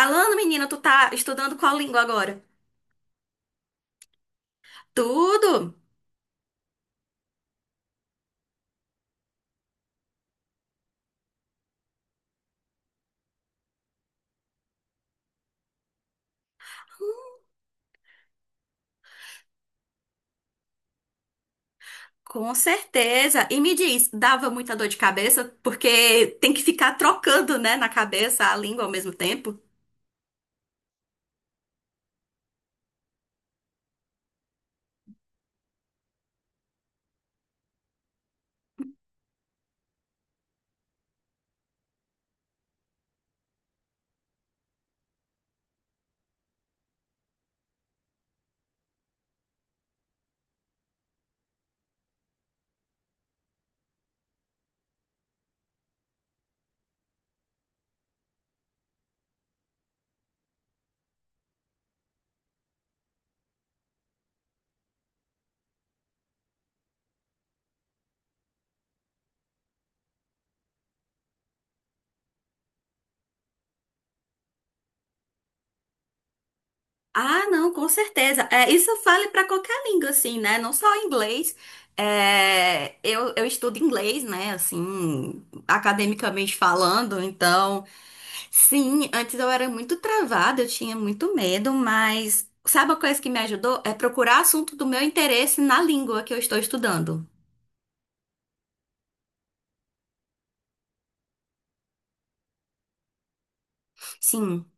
Alana, menina, tu tá estudando qual língua agora? Tudo? Com certeza. E me diz, dava muita dor de cabeça? Porque tem que ficar trocando, né, na cabeça a língua ao mesmo tempo. Ah, não, com certeza. É, isso eu falo para qualquer língua, assim, né? Não só inglês. É, eu estudo inglês, né? Assim, academicamente falando. Então, sim, antes eu era muito travada, eu tinha muito medo, mas sabe a coisa que me ajudou? É procurar assunto do meu interesse na língua que eu estou estudando. Sim.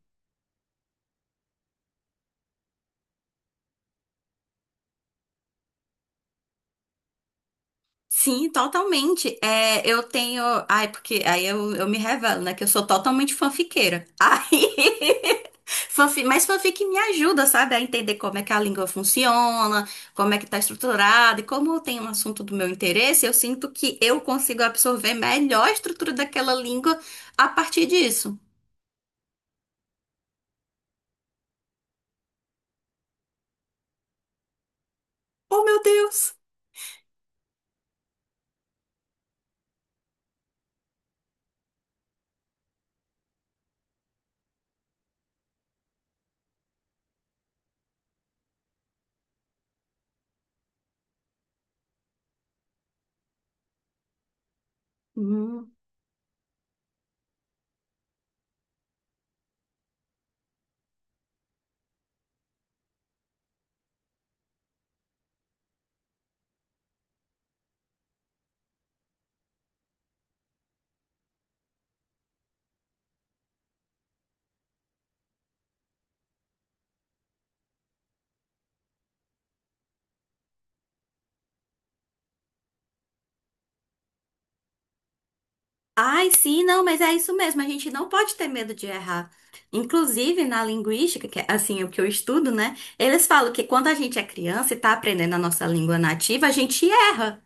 Sim, totalmente. É, eu tenho. Ai, porque aí eu me revelo, né? Que eu sou totalmente fanfiqueira. Aí. Fanfic, mas fanfic me ajuda, sabe, a entender como é que a língua funciona, como é que tá estruturada, e como eu tenho um assunto do meu interesse, eu sinto que eu consigo absorver melhor a estrutura daquela língua a partir disso. Oh, meu Deus! Hum. Ai, sim, não, mas é isso mesmo, a gente não pode ter medo de errar. Inclusive, na linguística, que é assim, o que eu estudo, né? Eles falam que quando a gente é criança e tá aprendendo a nossa língua nativa, a gente erra.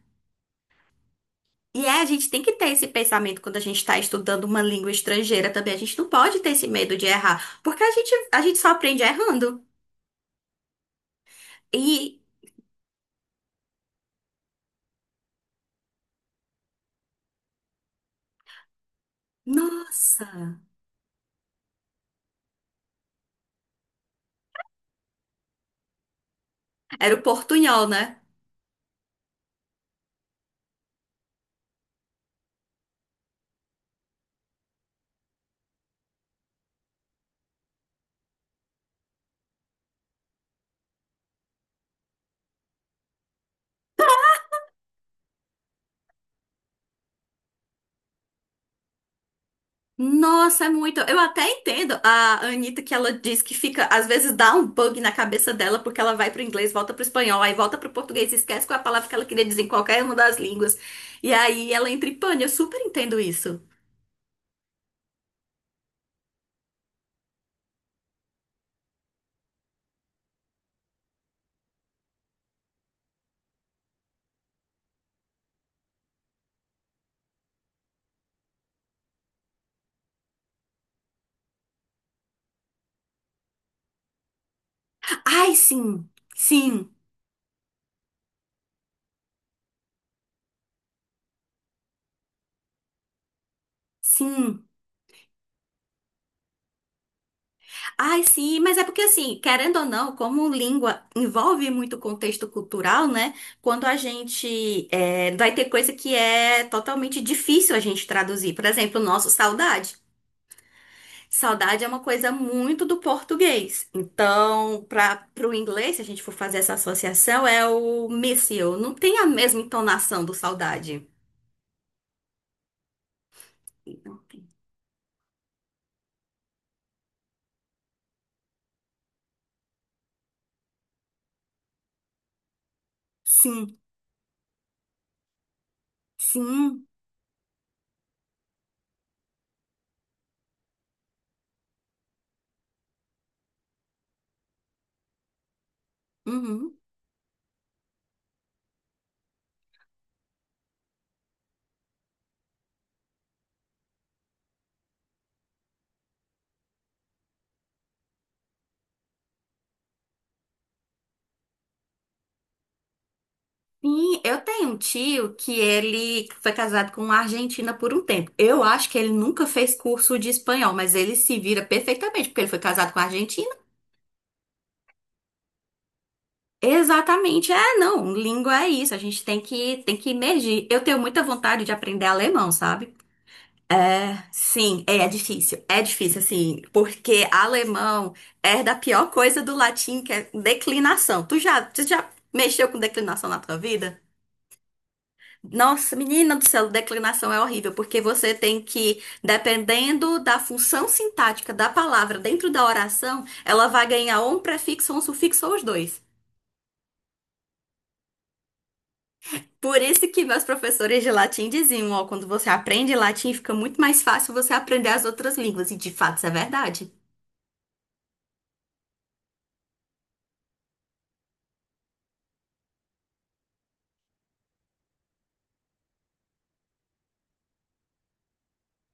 E é, a gente tem que ter esse pensamento quando a gente está estudando uma língua estrangeira também. A gente não pode ter esse medo de errar, porque a gente só aprende errando. E, nossa, era o portunhol, né? Nossa, é muito. Eu até entendo a Anitta que ela diz que fica, às vezes dá um bug na cabeça dela, porque ela vai pro inglês, volta pro espanhol, aí volta pro português, e esquece qual é a palavra que ela queria dizer em qualquer uma das línguas. E aí ela entra em pane. Eu super entendo isso. Ai, sim, sim, sim. Ai, sim, mas é porque assim, querendo ou não, como língua envolve muito contexto cultural, né? Quando a gente é, vai ter coisa que é totalmente difícil a gente traduzir. Por exemplo, o nosso saudade. Saudade é uma coisa muito do português. Então, para o inglês, se a gente for fazer essa associação, é o miss you. Não tem a mesma entonação do saudade. Sim, sim. Uhum. Sim, eu tenho um tio que ele foi casado com uma argentina por um tempo. Eu acho que ele nunca fez curso de espanhol, mas ele se vira perfeitamente, porque ele foi casado com a argentina. Exatamente. É, não, língua é isso, a gente tem que emergir. Eu tenho muita vontade de aprender alemão, sabe? Sim, é, é difícil. É difícil assim, porque alemão é da pior coisa do latim, que é declinação. Tu já mexeu com declinação na tua vida? Nossa, menina do céu, declinação é horrível, porque você tem que, dependendo da função sintática da palavra dentro da oração, ela vai ganhar ou um prefixo, ou um sufixo, ou os dois. Por isso que meus professores de latim diziam, ó, quando você aprende latim, fica muito mais fácil você aprender as outras línguas, e de fato isso é verdade.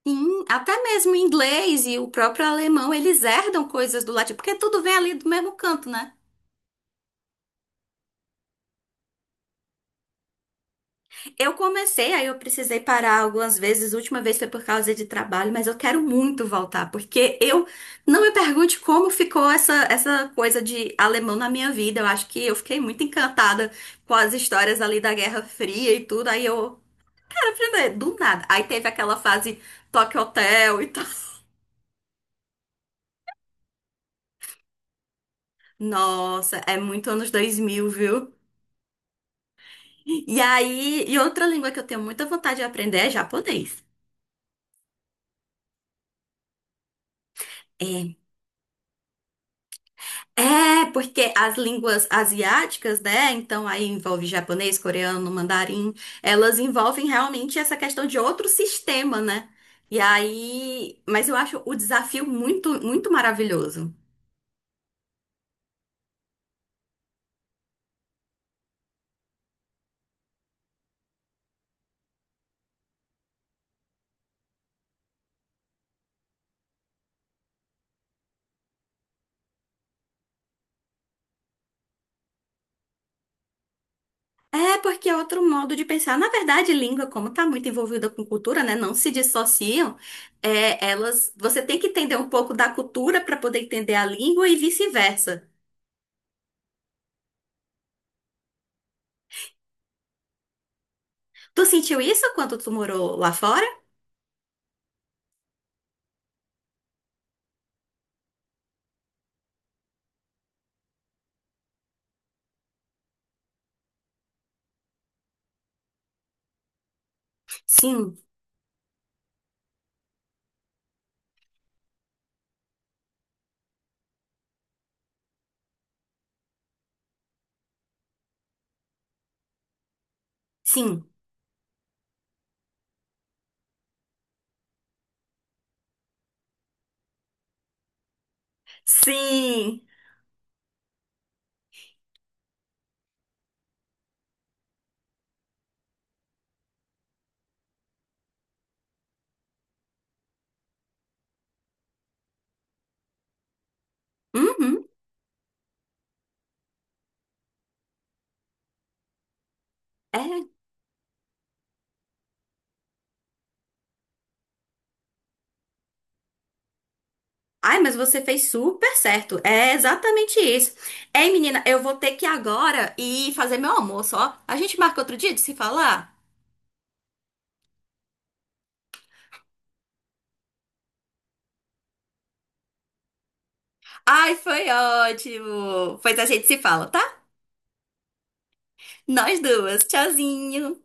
Sim, até mesmo o inglês e o próprio alemão, eles herdam coisas do latim, porque tudo vem ali do mesmo canto, né? Eu comecei, aí eu precisei parar algumas vezes. A última vez foi por causa de trabalho, mas eu quero muito voltar, porque eu não me pergunte como ficou essa coisa de alemão na minha vida. Eu acho que eu fiquei muito encantada com as histórias ali da Guerra Fria e tudo. Aí eu, do nada. Aí teve aquela fase Tokyo Hotel e tal. Nossa, é muito anos 2000, viu? E aí, e outra língua que eu tenho muita vontade de aprender é japonês. É. É, porque as línguas asiáticas, né? Então aí envolve japonês, coreano, mandarim, elas envolvem realmente essa questão de outro sistema, né? E aí, mas eu acho o desafio muito, muito maravilhoso. É, porque é outro modo de pensar. Na verdade, língua, como está muito envolvida com cultura, né? Não se dissociam. É, elas, você tem que entender um pouco da cultura para poder entender a língua e vice-versa. Tu sentiu isso quando tu morou lá fora? Sim, sim, sim. Uhum, é. Ai, mas você fez super certo. É exatamente isso. Ei, menina, eu vou ter que ir agora e fazer meu almoço, ó. A gente marca outro dia de se falar? Ai, foi ótimo. Pois a gente se fala, tá? Nós duas. Tchauzinho.